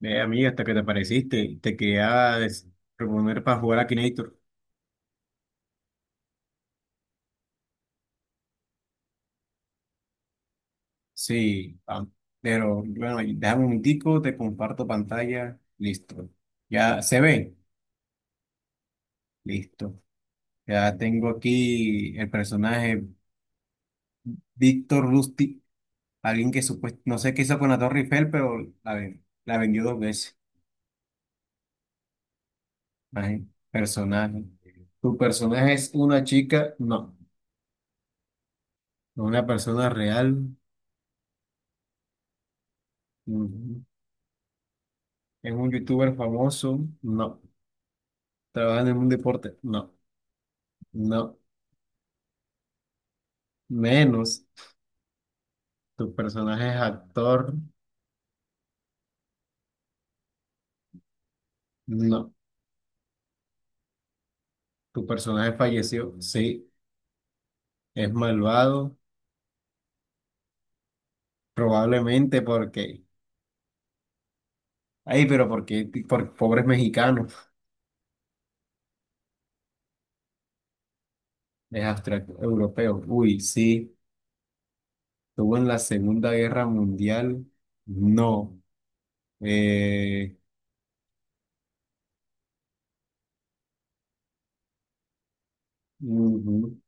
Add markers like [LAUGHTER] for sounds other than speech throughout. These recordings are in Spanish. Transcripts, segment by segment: Amiga, hasta que te apareciste, te quería proponer para jugar a Kinator. Sí, pero bueno, déjame un minutico, te comparto pantalla, listo. Ya se ve, listo. Ya tengo aquí el personaje Víctor Rusty, alguien que supuestamente, no sé qué hizo con la Torre Eiffel, pero la vendió dos veces. Imagínate, personaje. ¿Tu personaje es una chica? No. ¿Una persona real? Ujú. ¿Es un youtuber famoso? No. Trabajan en un deporte. No, no, menos. Tu personaje es actor. No, tu personaje falleció. Sí, es malvado. Probablemente porque. Ay, pero porque por pobres mexicanos. Es abstracto europeo. Uy, sí. Estuvo en la Segunda Guerra Mundial. No. Eh, ujú.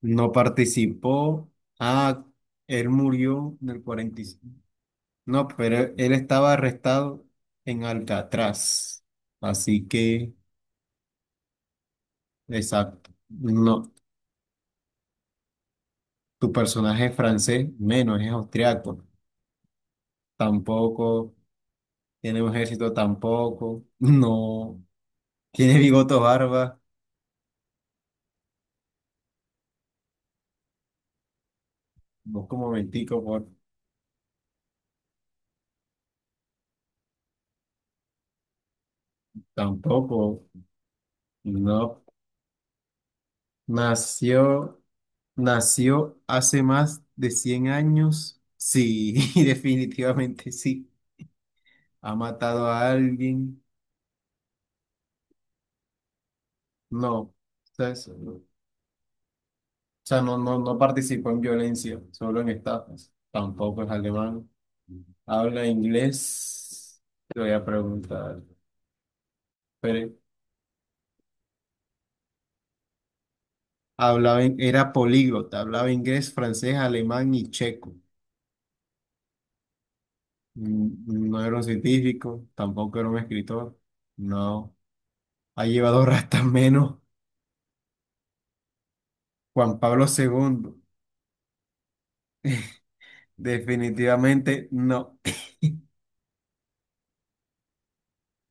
No participó. Ah, él murió en el 40. No, pero él estaba arrestado en Alcatraz. Así que, exacto. No, tu personaje es francés, menos, es austriaco. Tampoco, tiene un ejército tampoco. [LAUGHS] No, tiene bigote barba. Vos como mentico, por tampoco. No, nació, nació hace más de 100 años. Sí, [LAUGHS] definitivamente sí. Ha matado a alguien. No. ¿Sabes? O sea, no participó en violencia, solo en estafas. Tampoco es alemán. Habla inglés. Te voy a preguntar. Pero hablaba, era políglota, hablaba inglés, francés, alemán y checo. Mm, no era un científico, tampoco era un escritor. No. Ha llevado [LAUGHS] rastas menos. Juan Pablo segundo. Definitivamente no.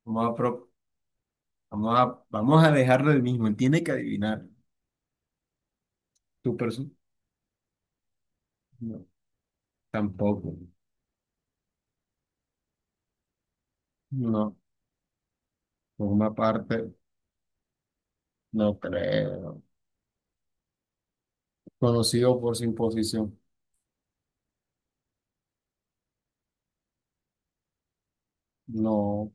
Vamos a, pro- vamos a dejarlo el mismo. Él tiene que adivinar. Tu persona. No, tampoco. No, forma parte, no creo. Conocido por su imposición. No.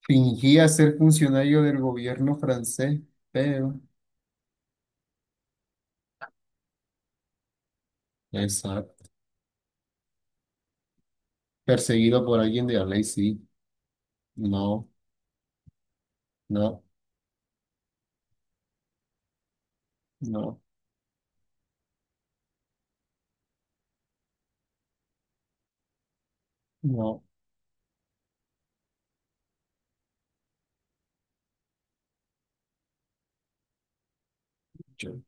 Fingía ser funcionario del gobierno francés, pero. Exacto. Perseguido por alguien de la ley, sí. No, no, no, no. Yo-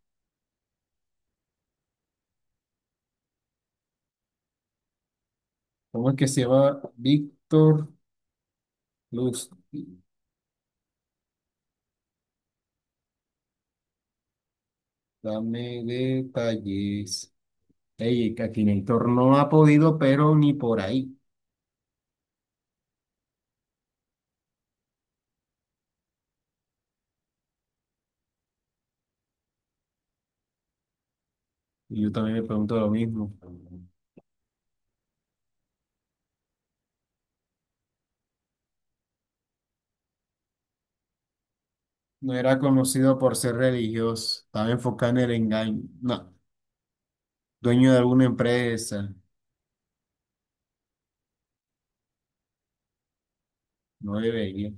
¿Cómo es que se llama? Víctor Luz. Dame detalles. Ey, Akinator no ha podido, pero ni por ahí. Y yo también me pregunto lo mismo. No era conocido por ser religioso, estaba enfocado en el engaño. No, dueño de alguna empresa, no debería.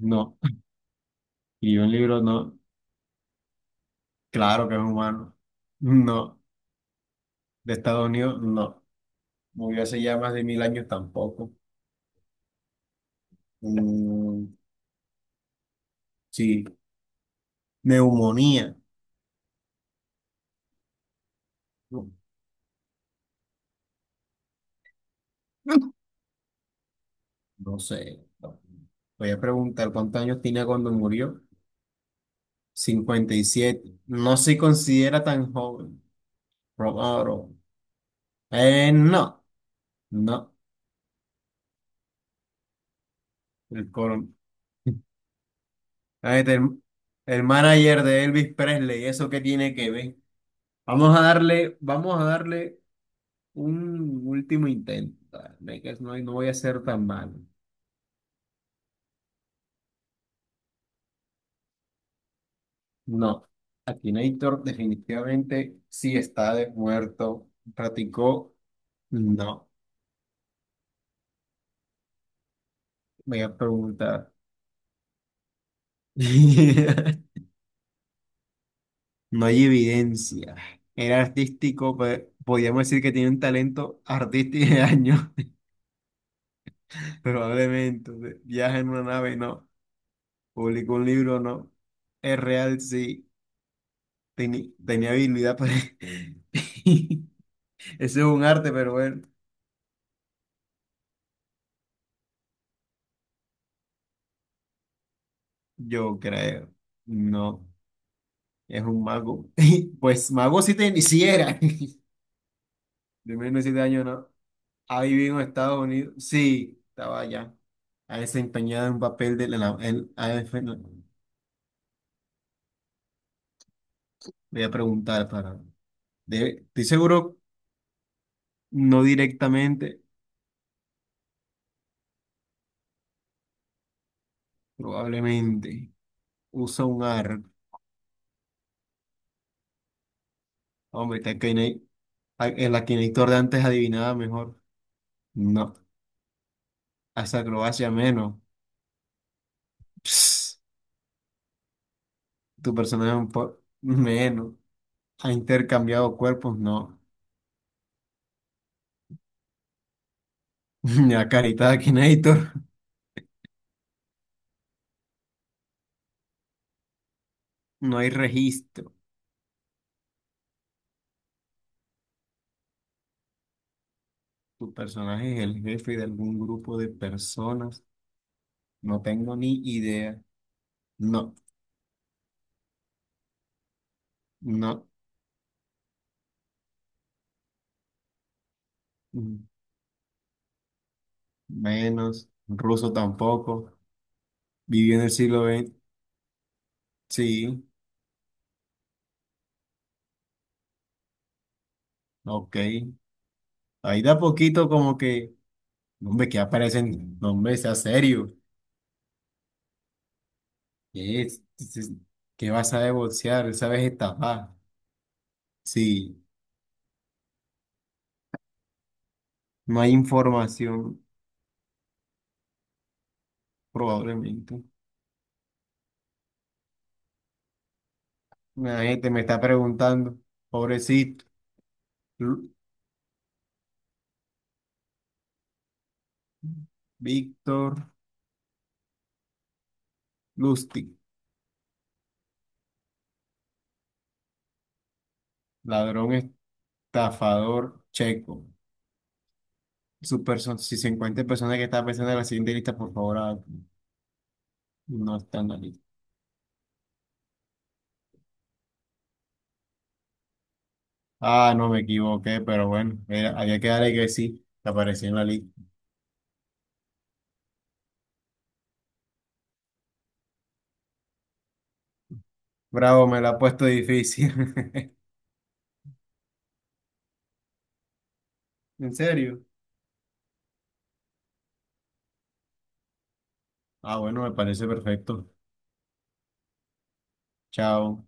No, y un libro no, claro que es humano. No, de Estados Unidos, no. Murió hace ya más de mil años tampoco. Mm, sí, neumonía. No, no sé. No. Voy a preguntar cuántos años tenía cuando murió. Cincuenta y siete. No se considera tan joven. Probado. No, no. El colon. Ah, el manager de Elvis Presley, ¿eso qué tiene que ver? Vamos a darle un último intento. Dale, que no, no voy a ser tan malo. No, Akinator definitivamente sí está de muerto. Practicó, no. Me voy a preguntar. [LAUGHS] No hay evidencia. Era artístico, podríamos decir que tiene un talento artístico de año, [LAUGHS] probablemente. Viaja en una nave, no. Publicó un libro, ¿no? Es real, sí. Tenía habilidad para... [LAUGHS] Eso es un arte, pero bueno, yo creo. No, es un mago. [LAUGHS] Pues mago sí, sí era. [LAUGHS] De menos de siete años, ¿no? Ha vivido en Estados Unidos. Sí, estaba allá. Ha desempeñado un papel de la... a ver, no, voy a preguntar para... estoy seguro, no directamente, probablemente. Usa un arco. Hombre, está que no hay. El Akinator de antes adivinaba mejor. No. Haz acrobacia menos. Ps, tu personaje un poco menos. Ha intercambiado cuerpos, no. [LAUGHS] La carita de Akinator. No hay registro. Tu personaje es el jefe de algún grupo de personas. No tengo ni idea. No, no. Mm, menos. Ruso tampoco. Vivió en el siglo XX. Sí, ok. Ahí da poquito como que. "No, hombre, que aparecen. No, hombre, sea serio. ¿Qué es? Dices, ¿qué vas a negociar? ¿Sabes estafar? Sí, no hay información, probablemente. La gente me está preguntando, pobrecito, Lu- Víctor Lustig, ladrón estafador checo. Si se encuentra persona que está pensando en la siguiente lista, por favor, no está en la lista. Ah, no me equivoqué, pero bueno, había que darle que sí, que apareció en la lista. Bravo, me la ha puesto difícil. [LAUGHS] ¿En serio? Ah, bueno, me parece perfecto. Chao.